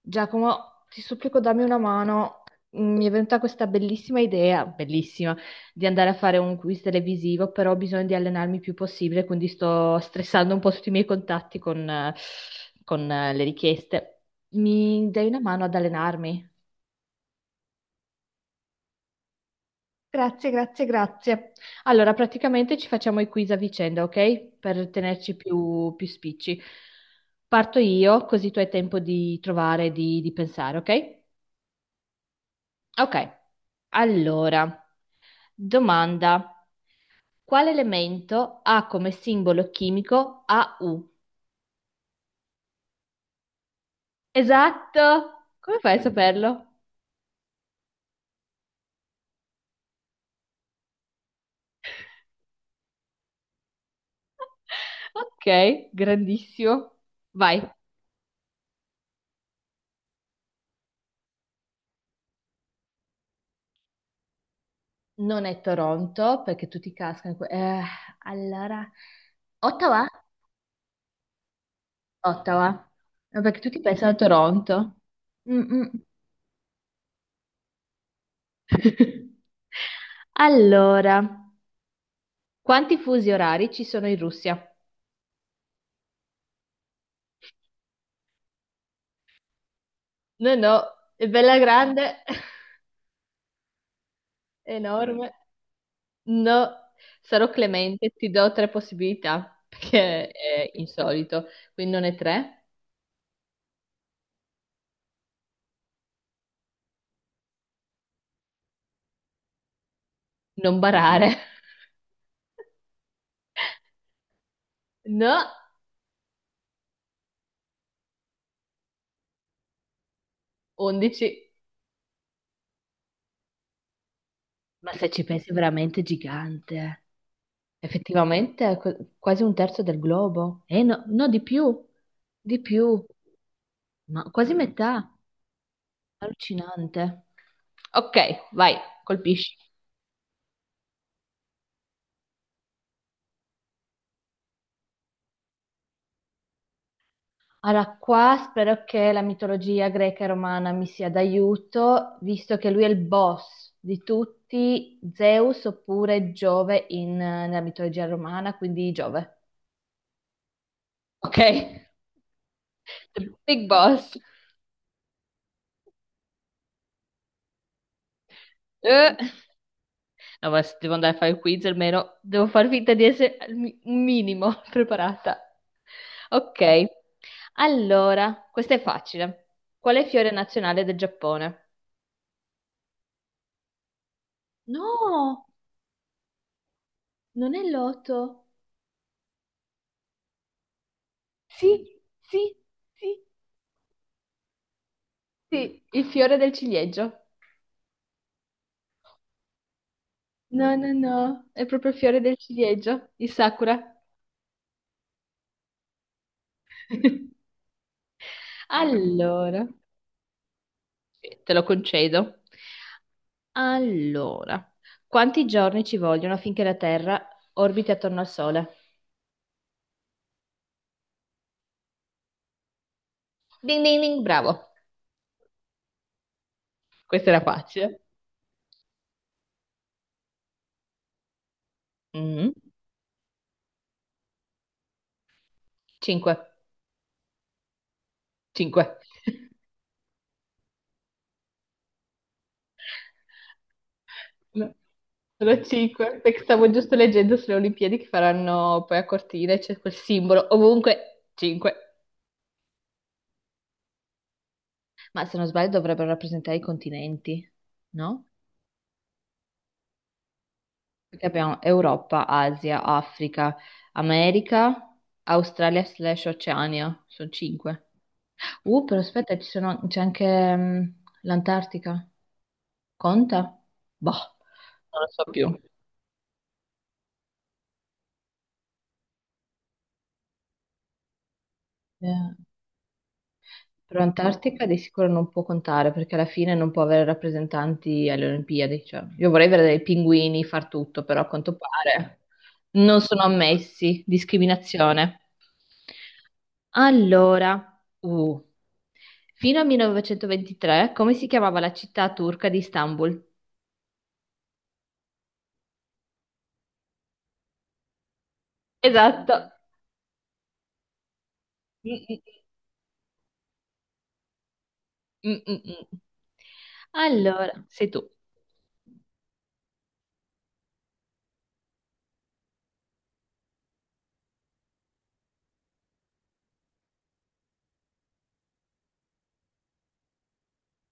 Giacomo, ti supplico, dammi una mano. Mi è venuta questa bellissima idea, bellissima, di andare a fare un quiz televisivo, però ho bisogno di allenarmi il più possibile, quindi sto stressando un po' tutti i miei contatti con, le richieste. Mi dai una mano ad allenarmi? Grazie, grazie, grazie. Allora, praticamente ci facciamo i quiz a vicenda, ok? Per tenerci più spicci. Parto io, così tu hai tempo di trovare, di pensare, ok? Ok, allora, domanda. Quale elemento ha come simbolo chimico AU? Esatto! Come fai a saperlo? Ok, grandissimo. Vai. Non è Toronto, perché tutti cascano allora, Ottawa? Ottawa. No, perché tutti pensano a Toronto. Mm, mm. Allora, quanti fusi orari ci sono in Russia? No, no, è bella grande, Mm. enorme. No, sarò clemente, ti do tre possibilità, perché è insolito. Quindi non è tre, non barare. No, undici. Ma se ci pensi è veramente gigante. Effettivamente è quasi un terzo del globo. Eh no, no, di più, ma quasi metà. Allucinante. Ok, vai, colpisci. Allora, qua spero che la mitologia greca e romana mi sia d'aiuto, visto che lui è il boss di tutti, Zeus oppure Giove nella mitologia romana, quindi Giove. Ok? The Big boss. Eh. No, ma se devo andare a fare il quiz, almeno devo far finta di essere un minimo preparata. Ok, allora, questa è facile. Qual è il fiore nazionale del Giappone? No, non è l'otto. Sì, sì, sì, sì, il fiore del ciliegio. No, no, no, è proprio il fiore del ciliegio, il sakura. Allora, te lo concedo. Allora, quanti giorni ci vogliono affinché la Terra orbiti attorno al Sole? Ding ding ding, bravo. Questa era facile. Mm. Cinque. Cinque. No, sono cinque, perché stavo giusto leggendo sulle Olimpiadi che faranno poi a Cortina, e c'è quel simbolo ovunque. Cinque. Ma se non sbaglio dovrebbero rappresentare i continenti, no? Perché abbiamo Europa, Asia, Africa, America, Australia slash Oceania, sono cinque. Però aspetta, c'è anche l'Antartica. Conta? Boh, non lo so più. Eh, Però Antartica di sicuro non può contare perché alla fine non può avere rappresentanti alle Olimpiadi, cioè, io vorrei vedere dei pinguini far tutto, però a quanto pare non sono ammessi. Discriminazione. Allora, fino al 1923, come si chiamava la città turca di Istanbul? Esatto. Mm, mm, mm, mm, mm. Allora, sei tu.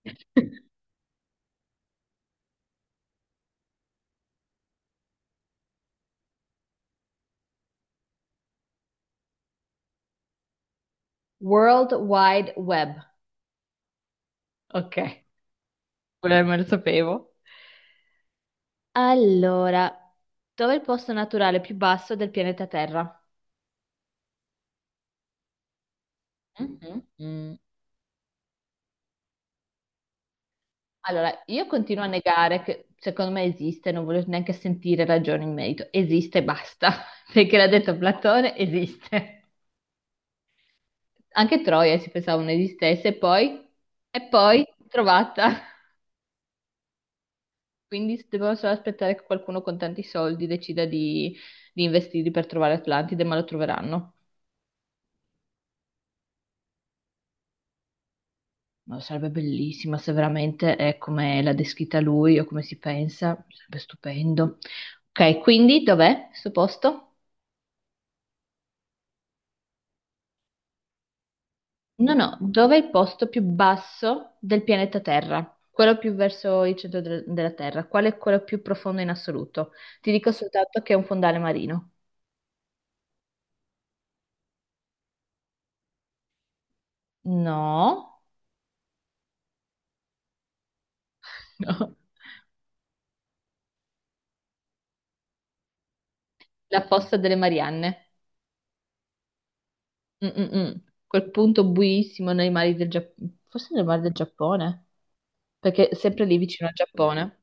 World Wide Web. Ok, quello me lo sapevo. Allora, dov'è il posto naturale più basso del pianeta Terra? Mhm, mm. Allora, io continuo a negare che secondo me esiste, non voglio neanche sentire ragioni in merito. Esiste e basta, perché l'ha detto Platone, esiste. Anche Troia si pensava non esistesse, e poi trovata. Quindi dobbiamo solo aspettare che qualcuno con tanti soldi decida di investirli per trovare Atlantide, ma lo troveranno. Ma sarebbe bellissima se veramente è come l'ha descritta lui o come si pensa, sarebbe stupendo. Ok, quindi dov'è questo posto? No, no, dov'è il posto più basso del pianeta Terra? Quello più verso il centro della Terra. Qual è quello più profondo in assoluto? Ti dico soltanto che è un fondale marino. No, no, la fossa delle Marianne. Mm, mm, mm. Quel punto buissimo nei mari del Giappone, forse nei mari del Giappone, perché è sempre lì vicino al Giappone,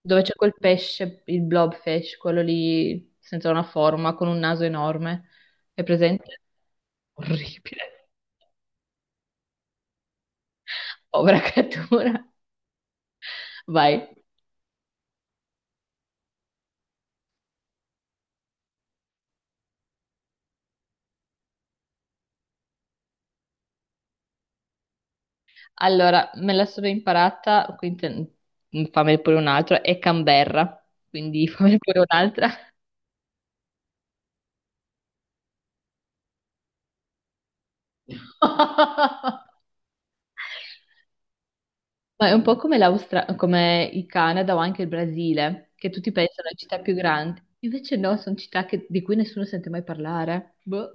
dove c'è quel pesce, il blobfish, quello lì senza una forma, con un naso enorme. È presente? Orribile. Povera creatura. Vai. Allora, me la sono imparata, quindi fammi pure un altro, è Canberra, quindi fammi pure un'altra. Ma è un po' come come il Canada o anche il Brasile, che tutti pensano a città più grandi. Invece no, sono città di cui nessuno sente mai parlare. Boh.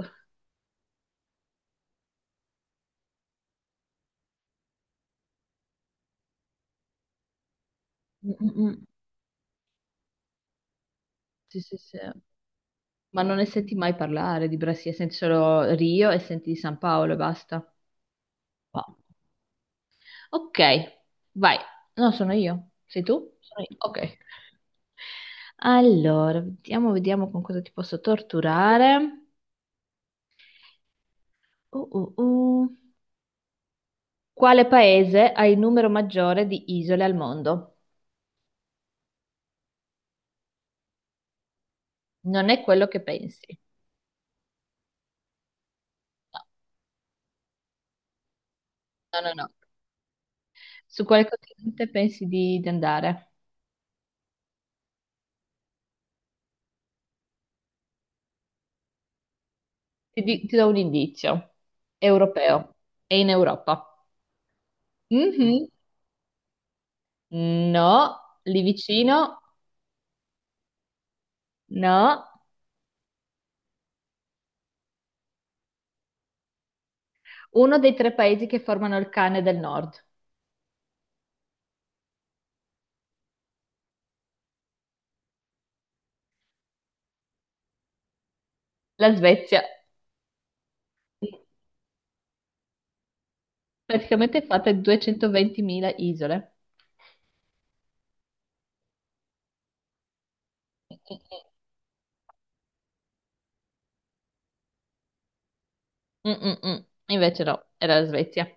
Mm, mm, mm. Sì, sì, sì. Ma non ne senti mai parlare di Brasile, senti solo Rio e senti di San Paolo e basta. Wow. Ok, vai. No, sono io. Sei tu? Sono io. Ok. Allora, vediamo, vediamo con cosa ti posso torturare. Uh, uh, uh. Quale paese ha il numero maggiore di isole al mondo? Non è quello che pensi. No, no, no, no. Su quale continente pensi di andare? Ti do un indizio. Europeo. È in Europa. Mhm. No, lì vicino. No. Uno dei tre paesi che formano il cane del nord. La Svezia. Praticamente è fatta di 220.000 isole. Mm, mm, mm. Mm, mm, mm. Invece no, era la Svezia.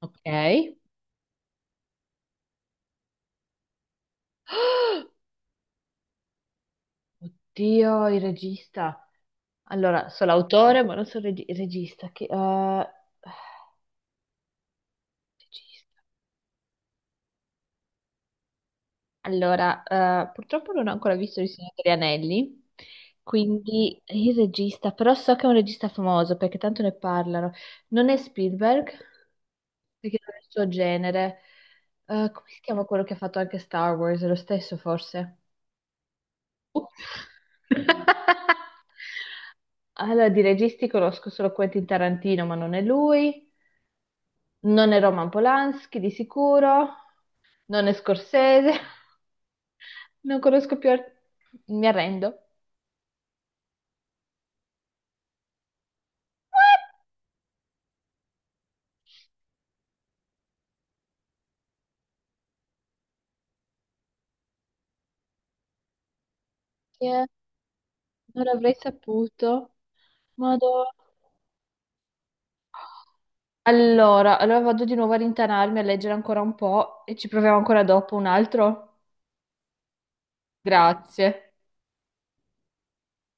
Ok. Oddio, il regista. Allora, so l'autore, ma non so il il regista. Che, regista. Allora, purtroppo non ho ancora visto Il Signore degli Anelli, quindi il regista, però so che è un regista famoso perché tanto ne parlano. Non è Spielberg, perché non è il suo genere. Come si chiama quello che ha fatto anche Star Wars? È lo stesso, forse? Ups. Allora, di registi conosco solo Quentin Tarantino, ma non è lui. Non è Roman Polanski di sicuro, non è Scorsese, non conosco più, mi arrendo. Eh, Non avrei saputo. Madò. Allora, vado di nuovo a rintanarmi a leggere ancora un po' e ci proviamo ancora dopo un altro. Grazie.